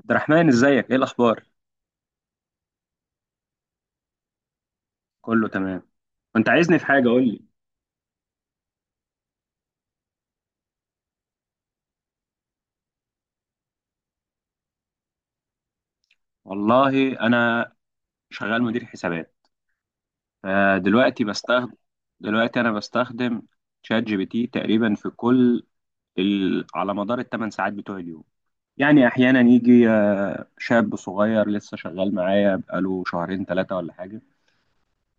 عبد الرحمن، ازيك؟ ايه الاخبار؟ كله تمام. كنت عايزني في حاجه؟ قول لي. والله انا شغال مدير حسابات، فدلوقتي بستخدم، دلوقتي انا بستخدم شات جي بي تي تقريبا في كل على مدار الثمان ساعات بتوع اليوم. يعني احيانا يجي شاب صغير لسه شغال معايا بقاله شهرين ثلاثه ولا حاجه،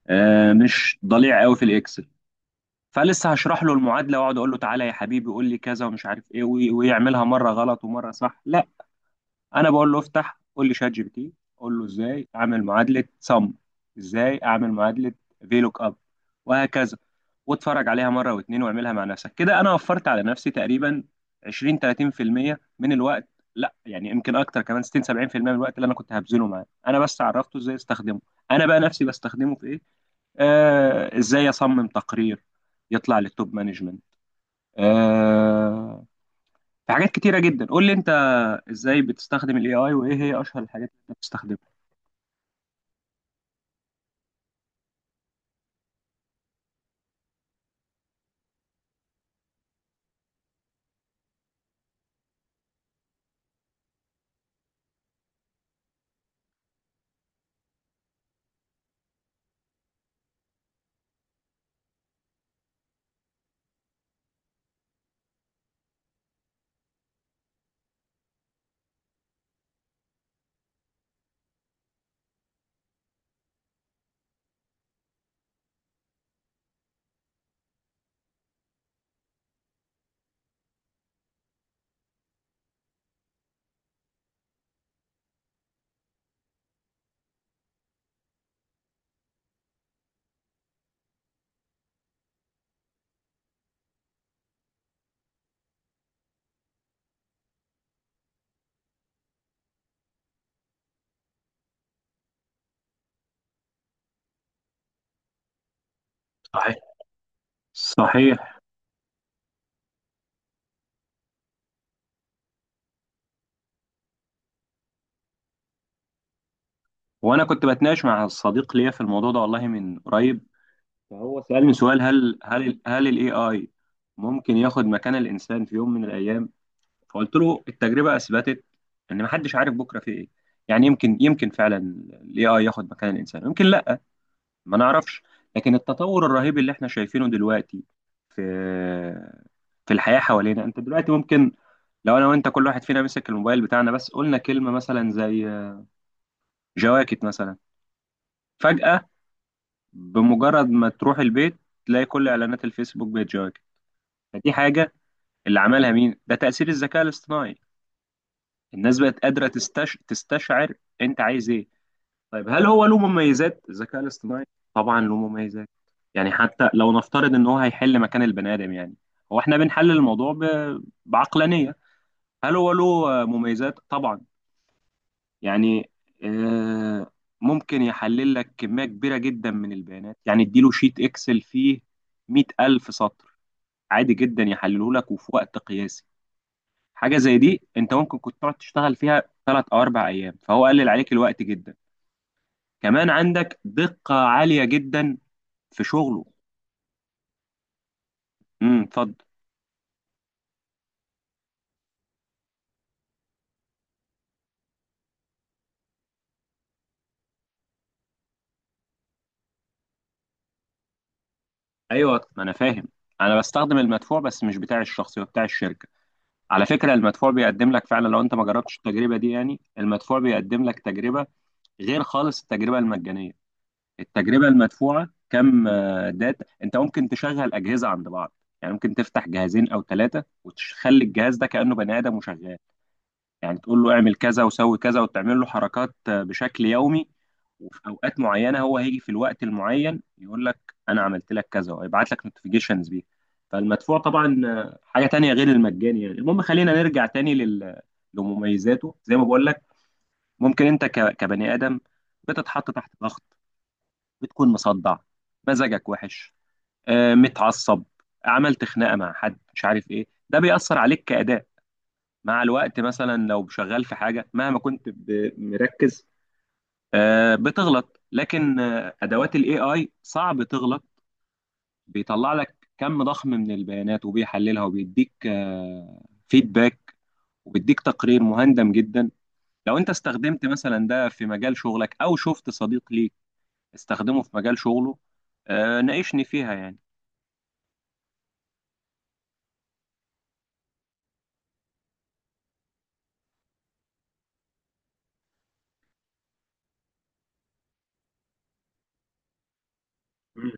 مش ضليع قوي في الاكسل، فلسه هشرح له المعادله واقعد اقول له تعالى يا حبيبي قول لي كذا ومش عارف ايه ويعملها مره غلط ومره صح. لا، انا بقول له افتح قول لي شات جي بي تي، قول له ازاي اعمل معادله سم، ازاي اعمل معادله في لوك اب وهكذا، واتفرج عليها مره واتنين واعملها مع نفسك كده. انا وفرت على نفسي تقريبا 20 30% من الوقت، لا يعني يمكن اكتر، كمان 60 70% من الوقت اللي انا كنت هبذله معاه. انا بس عرفته ازاي استخدمه. انا بقى نفسي بستخدمه في ايه؟ آه، ازاي اصمم تقرير يطلع للتوب مانجمنت. آه، في حاجات كتيره جدا. قول لي انت، ازاي بتستخدم الاي اي وايه هي اشهر الحاجات اللي انت بتستخدمها؟ صحيح. صحيح. وانا كنت بتناقش مع صديق ليا في الموضوع ده والله من قريب، فهو سألني سؤال: هل الاي اي ممكن ياخد مكان الانسان في يوم من الايام؟ فقلت له التجربة اثبتت ان محدش عارف بكرة في ايه. يعني يمكن، يمكن فعلا الاي اي ياخد مكان الانسان، يمكن لا، ما نعرفش. لكن التطور الرهيب اللي احنا شايفينه دلوقتي في الحياة حوالينا، انت دلوقتي ممكن، لو انا وانت كل واحد فينا مسك الموبايل بتاعنا بس قلنا كلمة مثلا زي جواكت مثلا، فجأة بمجرد ما تروح البيت تلاقي كل اعلانات الفيسبوك بقت جواكت. فدي حاجة اللي عملها مين؟ ده تأثير الذكاء الاصطناعي. الناس بقت قادرة تستشعر انت عايز ايه. طيب هل هو له مميزات الذكاء الاصطناعي؟ طبعا له مميزات. يعني حتى لو نفترض ان هو هيحل مكان البني ادم، يعني هو احنا بنحلل الموضوع بعقلانية. هل هو له مميزات؟ طبعا. يعني آه ممكن يحلل لك كمية كبيرة جدا من البيانات. يعني اديله شيت اكسل فيه 100000 ألف سطر، عادي جدا يحلله لك وفي وقت قياسي. حاجة زي دي انت ممكن كنت تقعد تشتغل فيها ثلاث او اربع ايام، فهو قلل عليك الوقت جدا. كمان عندك دقة عالية جدا في شغله. اتفضل. ايوه ما انا فاهم. انا بستخدم المدفوع بس مش بتاع الشخصي، هو بتاع الشركه. على فكره المدفوع بيقدم لك فعلا، لو انت ما جربتش التجربه دي يعني، المدفوع بيقدم لك تجربه غير خالص التجربه المجانيه. التجربه المدفوعه كم داتا، انت ممكن تشغل اجهزه عند بعض، يعني ممكن تفتح جهازين او ثلاثه وتخلي الجهاز ده كانه بني ادم وشغال. يعني تقول له اعمل كذا وسوي كذا وتعمل له حركات بشكل يومي، وفي اوقات معينه هو هيجي في الوقت المعين يقول لك انا عملت لك كذا ويبعت لك نوتيفيكيشنز بيه. فالمدفوع طبعا حاجه تانية غير المجاني. يعني المهم خلينا نرجع تاني لمميزاته. زي ما بقول لك، ممكن انت كبني ادم بتتحط تحت ضغط، بتكون مصدع، مزاجك وحش، متعصب، عملت خناقه مع حد مش عارف ايه، ده بيأثر عليك كأداء. مع الوقت مثلا لو شغال في حاجه، مهما كنت مركز، بتغلط. لكن ادوات الاي اي صعب تغلط، بيطلع لك كم ضخم من البيانات وبيحللها وبيديك فيدباك، وبيديك تقرير مهندم جدا. لو انت استخدمت مثلا ده في مجال شغلك او شفت صديق ليك استخدمه في مجال شغله، ناقشني فيها يعني. مم.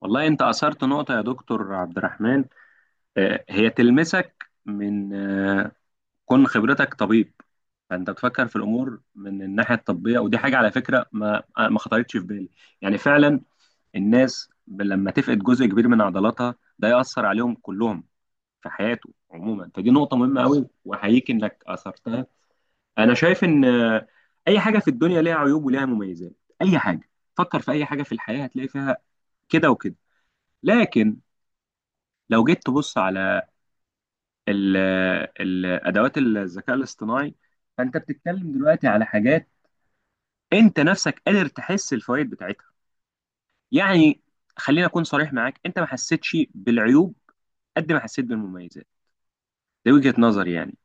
والله انت اثرت نقطه يا دكتور عبد الرحمن. هي تلمسك من كون خبرتك طبيب، فانت بتفكر في الامور من الناحيه الطبيه. ودي حاجه على فكره ما خطرتش في بالي. يعني فعلا الناس لما تفقد جزء كبير من عضلاتها ده ياثر عليهم كلهم في حياته عموما. فدي نقطه مهمه قوي واحييك انك اثرتها. انا شايف ان اي حاجه في الدنيا ليها عيوب وليها مميزات. اي حاجه، فكر في اي حاجه في الحياه هتلاقي فيها كده وكده. لكن لو جيت تبص على ال- ادوات الذكاء الاصطناعي، فانت بتتكلم دلوقتي على حاجات انت نفسك قادر تحس الفوائد بتاعتها. يعني خليني اكون صريح معاك، انت ما حسيتش بالعيوب قد ما حسيت بالمميزات. دي وجهة نظري يعني.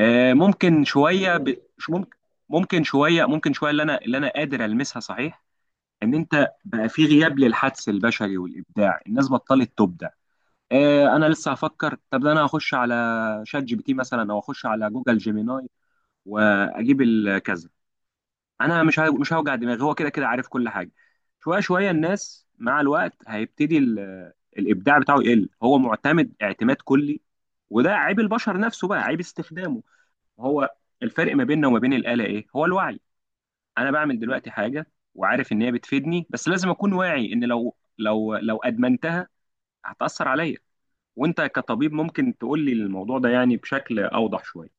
ممكن شويه ب... شو ممكن، ممكن شويه اللي انا قادر المسها، صحيح، ان انت بقى في غياب للحدس البشري والابداع، الناس بطلت تبدع. آه، انا لسه هفكر، طب ده انا هخش على شات جي بي تي مثلا او اخش على جوجل جيميناي واجيب الكذا. انا مش هوجع دماغي، هو كده كده عارف كل حاجه. شويه شويه الناس مع الوقت هيبتدي الابداع بتاعه يقل، هو معتمد اعتماد كلي. وده عيب البشر نفسه بقى، عيب استخدامه هو. الفرق ما بيننا وما بين الاله ايه؟ هو الوعي. انا بعمل دلوقتي حاجه وعارف ان هي بتفيدني، بس لازم اكون واعي ان لو ادمنتها هتاثر عليا. وانت كطبيب ممكن تقول لي الموضوع ده يعني بشكل اوضح شويه.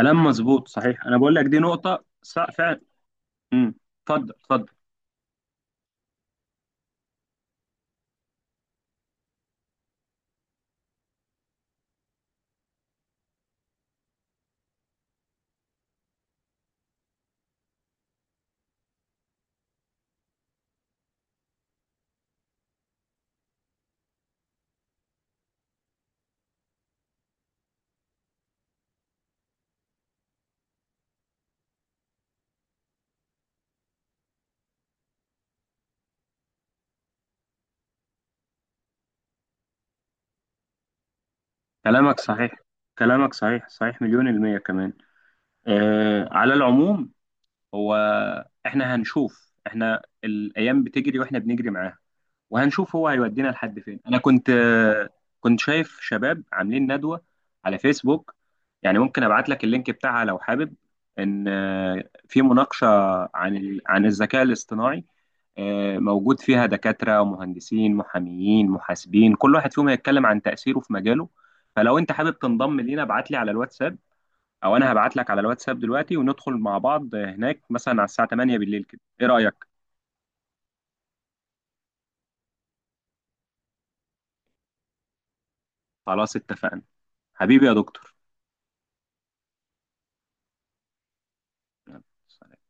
كلام مظبوط، صحيح. انا بقول لك دي نقطه صح فعلا. امم اتفضل اتفضل. كلامك صحيح. كلامك صحيح، صحيح مليون المية كمان. على العموم، هو احنا هنشوف. احنا الأيام بتجري واحنا بنجري معاها وهنشوف هو هيودينا لحد فين. انا كنت كنت شايف شباب عاملين ندوة على فيسبوك، يعني ممكن ابعت لك اللينك بتاعها لو حابب، ان في مناقشة عن عن الذكاء الاصطناعي، موجود فيها دكاترة ومهندسين محاميين محاسبين كل واحد فيهم هيتكلم عن تأثيره في مجاله. فلو انت حابب تنضم لينا ابعت لي على الواتساب، او انا هبعت لك على الواتساب دلوقتي وندخل مع بعض هناك مثلا على الساعة 8 بالليل كده. ايه رأيك؟ خلاص اتفقنا. حبيبي يا دكتور. يلا، سلام.